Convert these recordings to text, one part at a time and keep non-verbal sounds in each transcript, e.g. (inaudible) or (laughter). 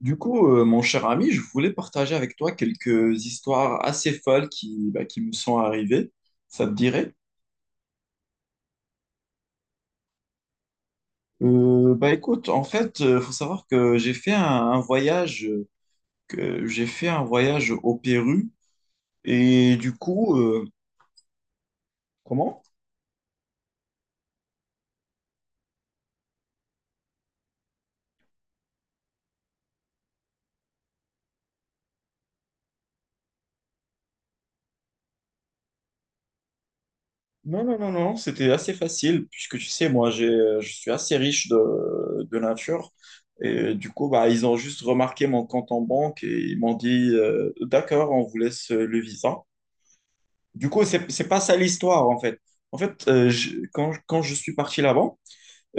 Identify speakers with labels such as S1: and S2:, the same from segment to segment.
S1: Mon cher ami, je voulais partager avec toi quelques histoires assez folles qui me sont arrivées. Ça te dirait? Bah écoute, en fait, il faut savoir que j'ai fait un voyage, que j'ai fait un voyage au Pérou et comment? Non, non, non, non, c'était assez facile puisque tu sais, moi, je suis assez riche de nature et du coup, bah ils ont juste remarqué mon compte en banque et ils m'ont dit, d'accord, on vous laisse le visa. Du coup, c'est pas ça l'histoire en fait. En fait, quand je suis parti là-bas,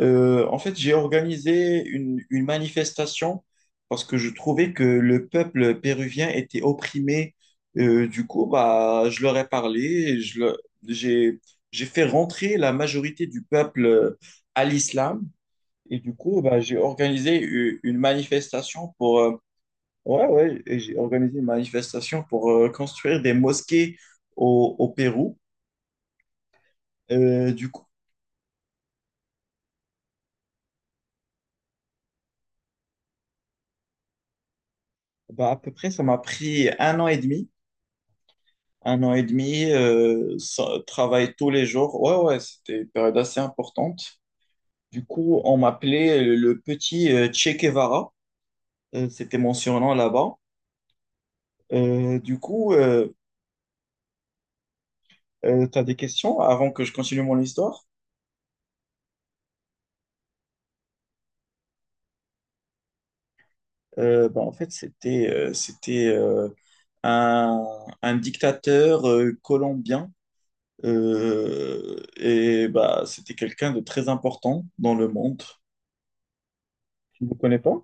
S1: en fait, j'ai organisé une manifestation parce que je trouvais que le peuple péruvien était opprimé. Je leur ai parlé, et je le- j'ai j'ai fait rentrer la majorité du peuple à l'islam et du coup, bah, j'ai organisé une manifestation pour ouais, et j'ai organisé une manifestation pour construire des mosquées au Pérou. Euh, du coup, à peu près, ça m'a pris 1 an et demi. Un an et demi, sans- travail tous les jours. Ouais, ouais, c'était une période assez importante. Du coup, on m'appelait le petit Che Guevara. C'était mon surnom là-bas. Euh, du coup, Tu as des questions avant que je continue mon histoire? En fait, c'était euh, c'était euh, un, un dictateur colombien. C'était quelqu'un de très important dans le monde. Tu ne connais pas?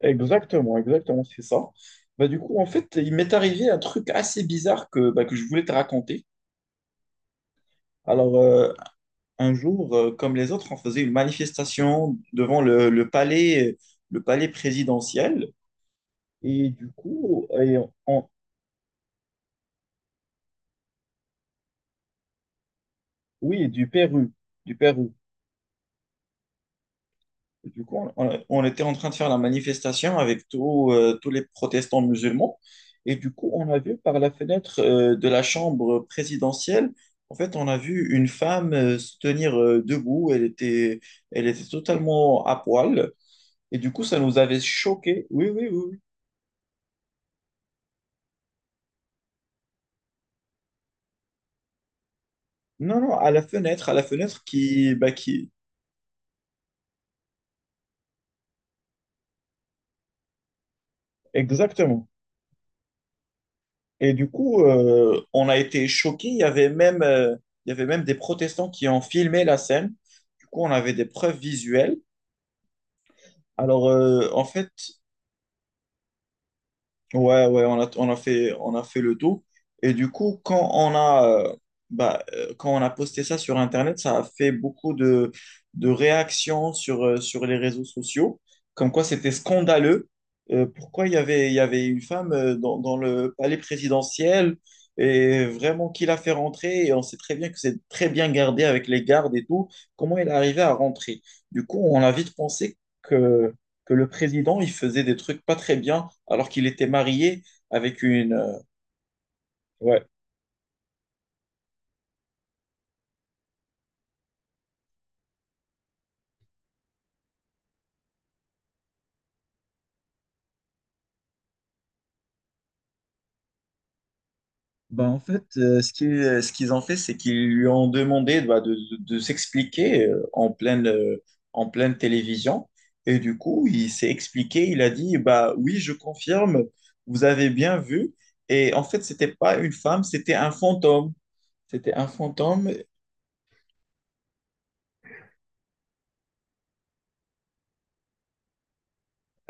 S1: Exactement, exactement, c'est ça. Bah, du coup, en fait, il m'est arrivé un truc assez bizarre que je voulais te raconter. Alors, un jour, comme les autres, on faisait une manifestation devant le palais présidentiel. Et du coup, et on- oui, du Pérou, du Pérou. Et du coup, on était en train de faire la manifestation avec tous les protestants musulmans. Et du coup, on a vu par la fenêtre de la chambre présidentielle, en fait, on a vu une femme se tenir debout. Elle était totalement à poil. Et du coup, ça nous avait choqués. Oui, oui, oui, oui. Non, non, à la fenêtre, exactement. Et du coup, on a été choqués. Il y avait même des protestants qui ont filmé la scène. Du coup, on avait des preuves visuelles. Alors, euh, en fait, Ouais, ouais, on a fait le tout. Et du coup, quand on a posté ça sur Internet, ça a fait beaucoup de réactions sur les réseaux sociaux, comme quoi c'était scandaleux. Pourquoi il y avait une femme dans le palais présidentiel et vraiment qui l'a fait rentrer? Et on sait très bien que c'est très bien gardé avec les gardes et tout. Comment elle est arrivée à rentrer? Du coup, on a vite pensé que le président, il faisait des trucs pas très bien alors qu'il était marié avec une... ouais. Bah, en fait, ce qu'ils ont fait, c'est qu'ils lui ont demandé bah, de s'expliquer en pleine télévision. Et du coup, il s'est expliqué, il a dit, bah oui, je confirme, vous avez bien vu. Et en fait, c'était pas une femme, c'était un fantôme. C'était un fantôme.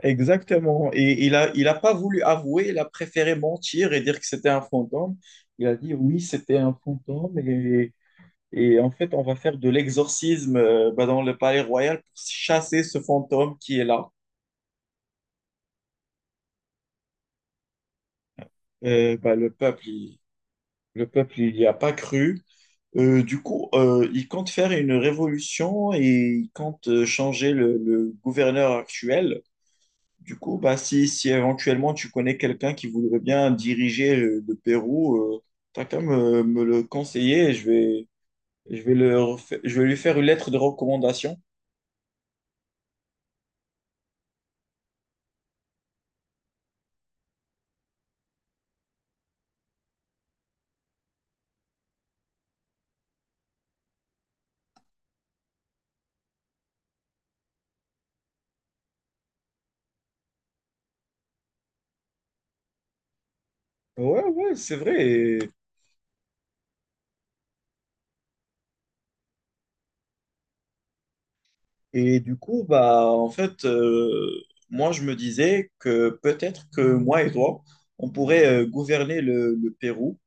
S1: Exactement. Et il a pas voulu avouer, il a préféré mentir et dire que c'était un fantôme. Il a dit oui, c'était un fantôme, et en fait, on va faire de l'exorcisme dans le palais royal pour chasser ce fantôme qui est là. Euh, bah, le peuple, il, le peuple, il n'y a pas cru. Il compte faire une révolution et il compte changer le gouverneur actuel. Du coup, bah, si, si éventuellement tu connais quelqu'un qui voudrait bien diriger le Pérou, tu as qu'à me le conseiller et je vais lui faire une lettre de recommandation. Ouais, ouais, c'est vrai. Et du coup, bah, en fait, euh, Moi, je me disais que peut-être que moi et toi, on pourrait gouverner le Pérou.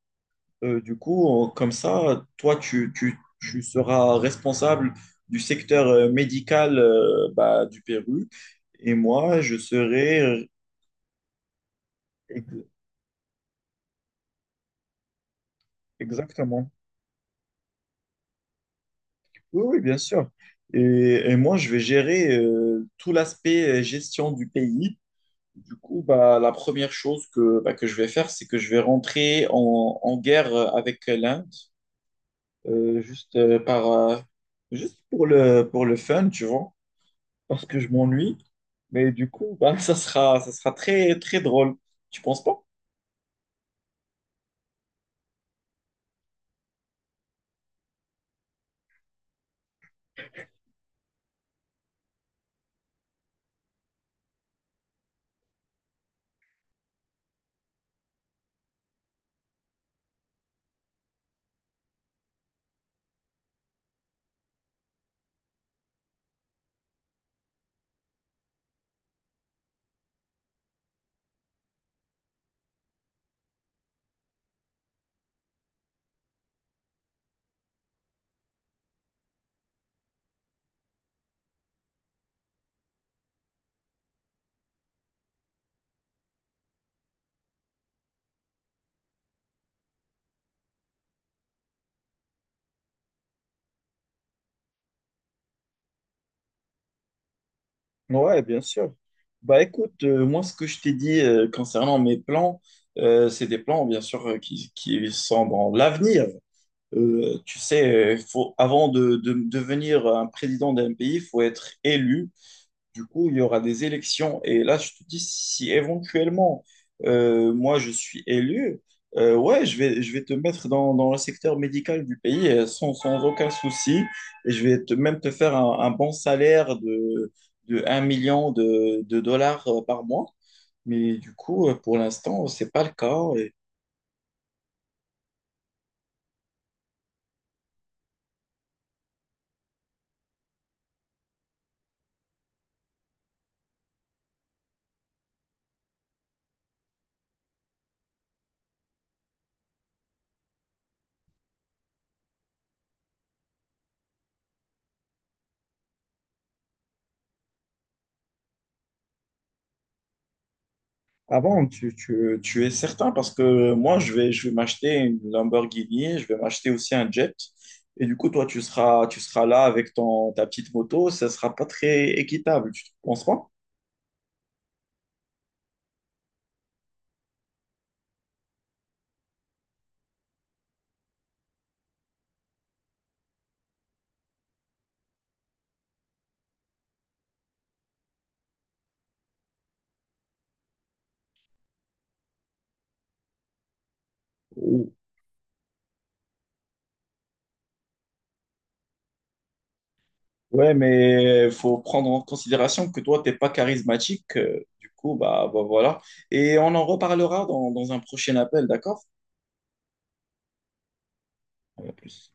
S1: Comme ça, toi, tu seras responsable du secteur médical du Pérou et moi, je serai... ex- Exactement. Oui, oui, bien sûr. Et moi, je vais gérer tout l'aspect gestion du pays. Du coup, bah, la première chose que je vais faire, c'est que je vais rentrer en guerre avec l'Inde, euh, juste, euh, par, euh, juste pour pour le fun, tu vois. Parce que je m'ennuie. Mais du coup, bah, (laughs) ça sera très, très drôle. Tu penses pas? Ouais, bien sûr. Bah écoute, moi, ce que je t'ai dit concernant mes plans, c'est des plans, bien sûr, qui sont dans l'avenir. Tu sais, faut, de devenir un président d'un pays, il faut être élu. Du coup, il y aura des élections. Et là, je te dis, si éventuellement, moi, je suis élu, ouais, je vais te mettre dans le secteur médical du pays euh, sans aucun souci. Et je vais te, même te faire un bon salaire de 1 million de dollars par mois. Mais du coup, pour l'instant, c'est pas le cas. Avant, tu es certain parce que moi, je vais m'acheter une Lamborghini, je vais m'acheter aussi un jet. Et du coup, toi, tu seras là avec ta petite moto, ça sera pas très équitable, tu ne penses pas? Ou- Ouais, mais faut prendre en considération que toi, t'es pas charismatique. Euh, du coup, bah, bah voilà. Et on en reparlera dans un prochain appel, d'accord? À plus.